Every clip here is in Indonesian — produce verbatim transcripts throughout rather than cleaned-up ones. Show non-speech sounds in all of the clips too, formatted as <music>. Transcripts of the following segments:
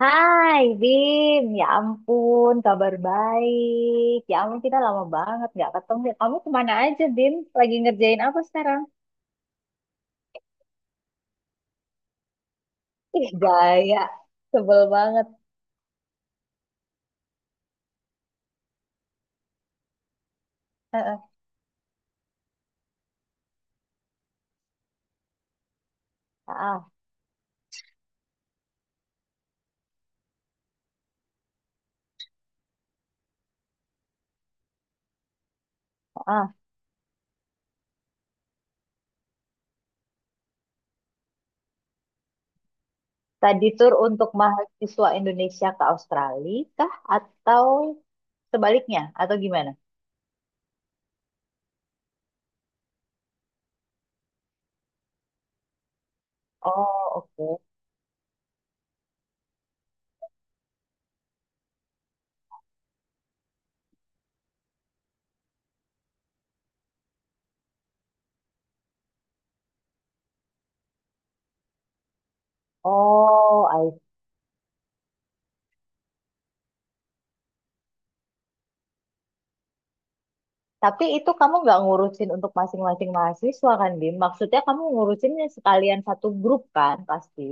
Hai Bim, ya ampun, kabar baik. Ya ampun, kita lama banget nggak ketemu. Ya. Kamu kemana aja, Bim? Lagi ngerjain apa sekarang? Ih, gaya, sebel banget. Heeh. Ah, ah. Tadi tur untuk mahasiswa Indonesia ke Australia kah? Atau sebaliknya? Atau gimana? Oh, oke. Oh, I see. Tapi itu kamu nggak ngurusin untuk masing-masing mahasiswa kan, Bim? Maksudnya kamu ngurusinnya sekalian satu grup kan, pasti.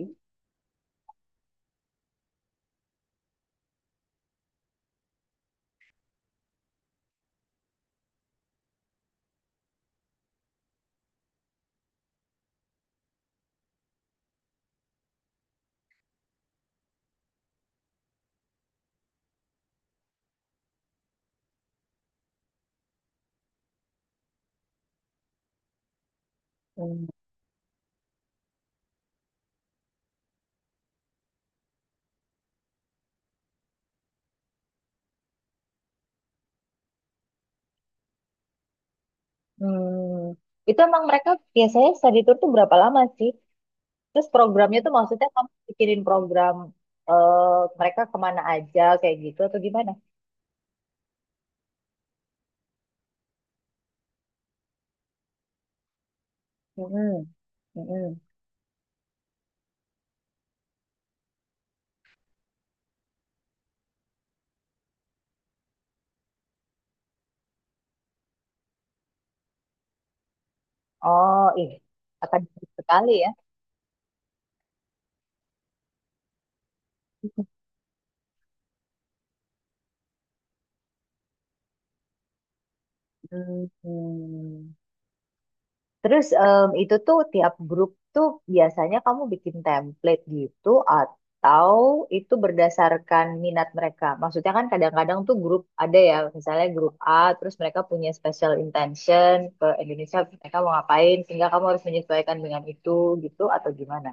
Hmm, itu emang mereka biasanya study tour tuh berapa lama sih? Terus programnya tuh maksudnya kamu bikinin program eh mereka kemana aja kayak gitu atau gimana? Hmm, hmm. Oh, ih, akan sekali ya. Hmm. Terus em, itu tuh tiap grup tuh biasanya kamu bikin template gitu atau itu berdasarkan minat mereka. Maksudnya kan kadang-kadang tuh grup ada ya, misalnya grup A, terus mereka punya special intention ke Indonesia, mereka mau ngapain, sehingga kamu harus menyesuaikan dengan itu gitu atau gimana?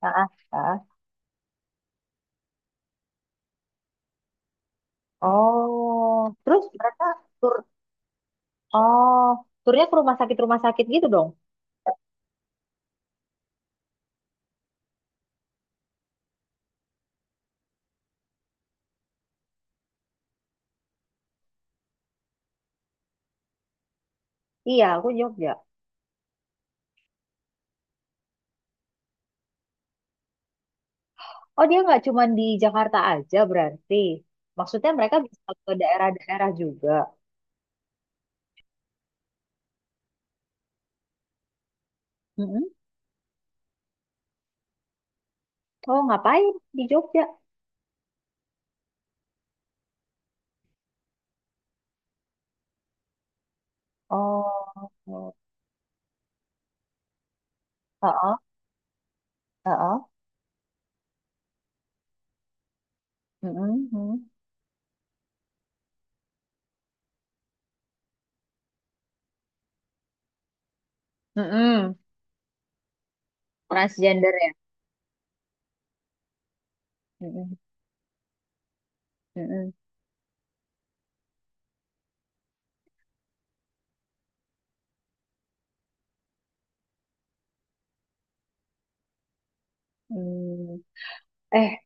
Ah, ah, ah. Oh, terus mereka tur, oh, turnya ke rumah sakit-rumah sakit gitu dong? Iya, aku Jogja. Oh, dia nggak cuma di Jakarta aja berarti. Maksudnya mereka bisa ke daerah-daerah juga. Mm-mm. Oh, ngapain di Jogja? Oh, heeh, heeh. Mm-mm, mm. Mm-mm. Transgender ya. Mm-mm, mm-mm, mm. Eh,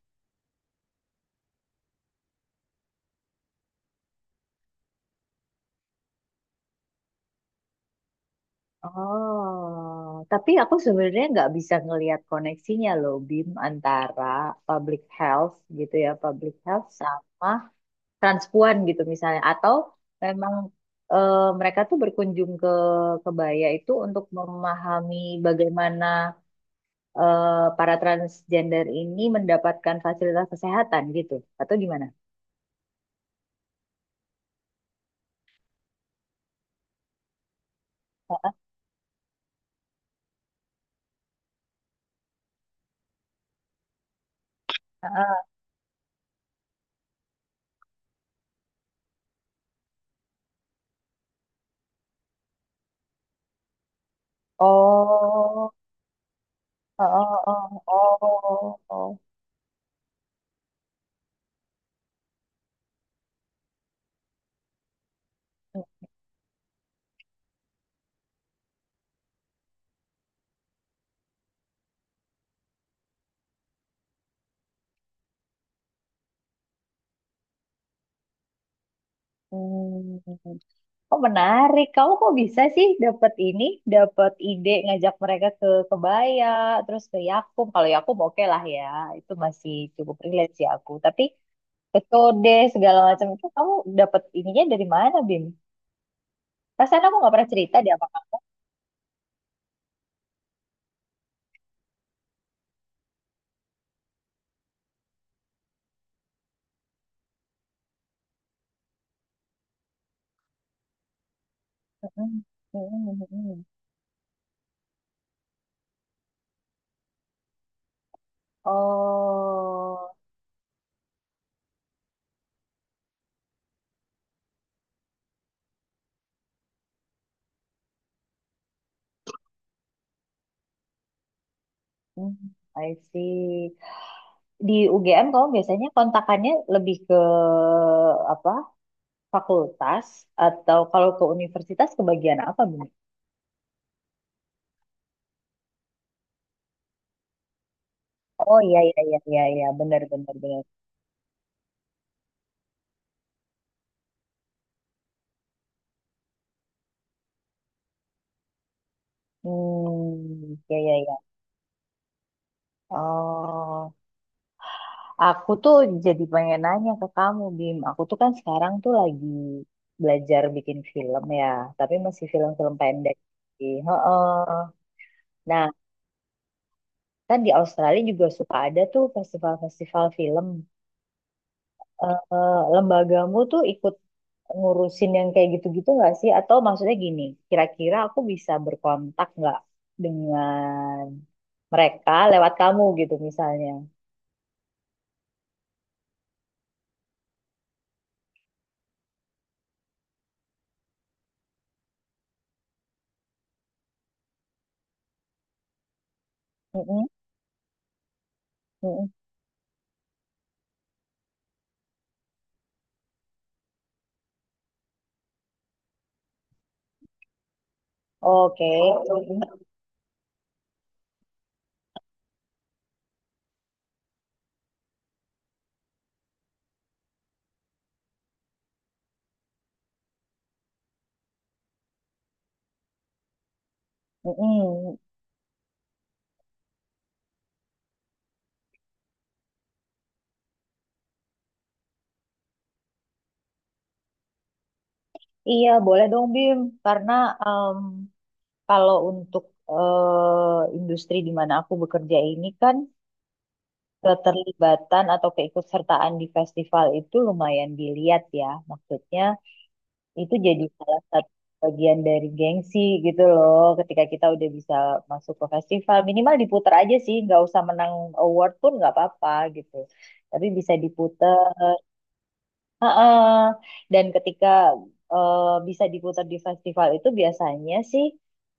oh, tapi aku sebenarnya nggak bisa ngelihat koneksinya loh, Bim, antara public health gitu ya, public health sama transpuan gitu misalnya atau memang eh, mereka tuh berkunjung ke kebaya itu untuk memahami bagaimana eh, para transgender ini mendapatkan fasilitas kesehatan gitu atau gimana? Oh, oh, oh, oh, oh. Hmm. Oh menarik, kamu kok bisa sih dapat ini, dapat ide ngajak mereka ke kebaya, terus ke Yakum. Kalau Yakum oke lah ya, itu masih cukup relate sih aku. Tapi metode segala macam itu kamu dapat ininya dari mana, Bim? Perasaan kamu nggak pernah cerita deh apa kamu. Hmm, hmm, hmm. Oh, hmm, I see. Di U G M kamu biasanya kontakannya lebih ke apa? Fakultas atau kalau ke universitas ke bagian apa, Bim? Oh iya iya iya iya iya benar benar benar. Hmm, iya iya iya. Oh. Aku tuh jadi pengen nanya ke kamu, Bim. Aku tuh kan sekarang tuh lagi belajar bikin film ya, tapi masih film-film pendek. Sih. Heeh. Nah, kan di Australia juga suka ada tuh festival-festival film. Eh, eh, lembagamu tuh ikut ngurusin yang kayak gitu-gitu nggak sih? Atau maksudnya gini, kira-kira aku bisa berkontak nggak dengan mereka lewat kamu gitu misalnya? Mm-mm, mm-mm. Oke. Mm-mm. Iya, boleh dong Bim, karena em, kalau untuk eh, industri di mana aku bekerja ini kan keterlibatan atau keikutsertaan di festival itu lumayan dilihat ya. Maksudnya itu jadi salah satu bagian dari gengsi gitu loh. Ketika kita udah bisa masuk ke festival, minimal diputar aja sih, nggak usah menang award pun nggak apa-apa gitu. Tapi bisa diputer. Heeh. Dan ketika eh, bisa diputar di festival itu biasanya sih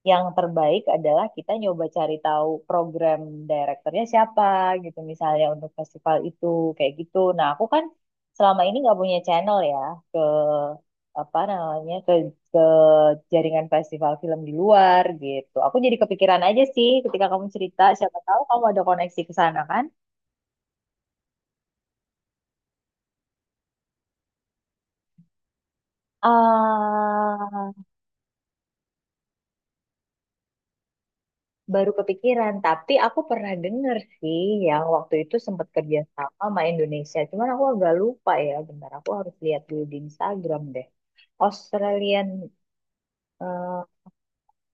yang terbaik adalah kita nyoba cari tahu program direkturnya siapa gitu misalnya untuk festival itu kayak gitu. Nah aku kan selama ini nggak punya channel ya ke apa namanya ke ke jaringan festival film di luar gitu. Aku jadi kepikiran aja sih ketika kamu cerita siapa tahu kamu ada koneksi ke sana kan? Ah baru kepikiran, tapi aku pernah denger sih yang waktu itu sempat kerja sama sama Indonesia. Cuman aku agak lupa ya, bentar aku harus lihat dulu di Instagram deh. Australian eh,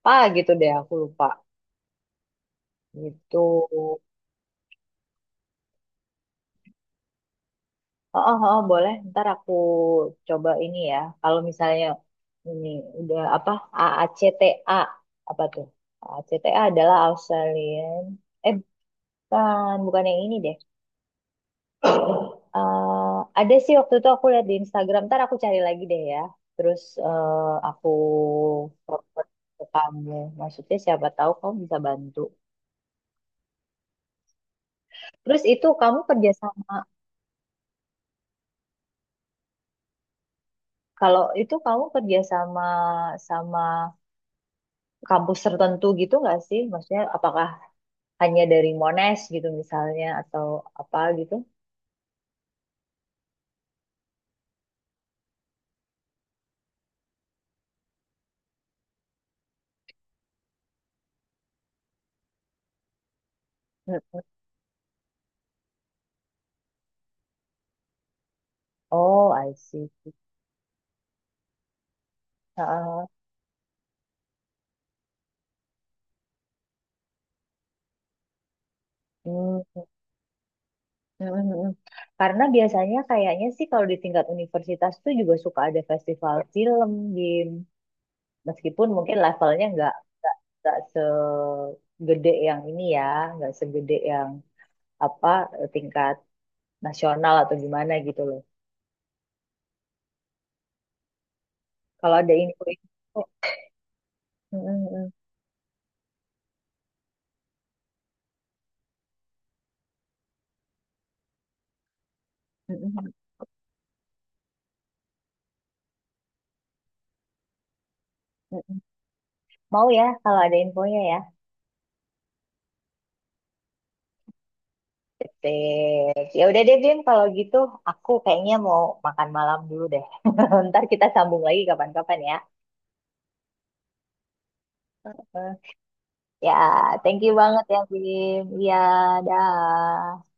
apa gitu deh, aku lupa gitu. Oh, oh, oh, boleh. Ntar aku coba ini ya. Kalau misalnya ini udah apa A A C T A apa tuh? akta adalah Australian. Eh, bukan, bukan yang ini deh. Eh, ada sih waktu itu aku lihat di Instagram, ntar aku cari lagi deh ya. Terus eh, aku forward ke kamu. Maksudnya siapa tahu kamu bisa bantu. Terus itu kamu kerja sama, kalau itu kamu kerja sama sama kampus tertentu gitu nggak sih? Maksudnya apakah hanya dari Monash gitu misalnya atau apa gitu? Hmm. Oh, I see. Heeh. Hmm. Mm, mm, mm. Karena biasanya kayaknya sih kalau di tingkat universitas tuh juga suka ada festival film, Bim. Meskipun mungkin levelnya nggak nggak segede yang ini ya, nggak segede yang apa eh, tingkat nasional atau gimana gitu loh. Kalau ada info, info mm, mm, mm, mm, mm, mm, mm. Mau ya kalau ada infonya ya. Sip. Ya udah deh Bim, kalau gitu aku kayaknya mau makan malam dulu deh. <laughs> Ntar kita sambung lagi kapan-kapan ya. Ya, thank you banget ya, Bim. Iya, dah.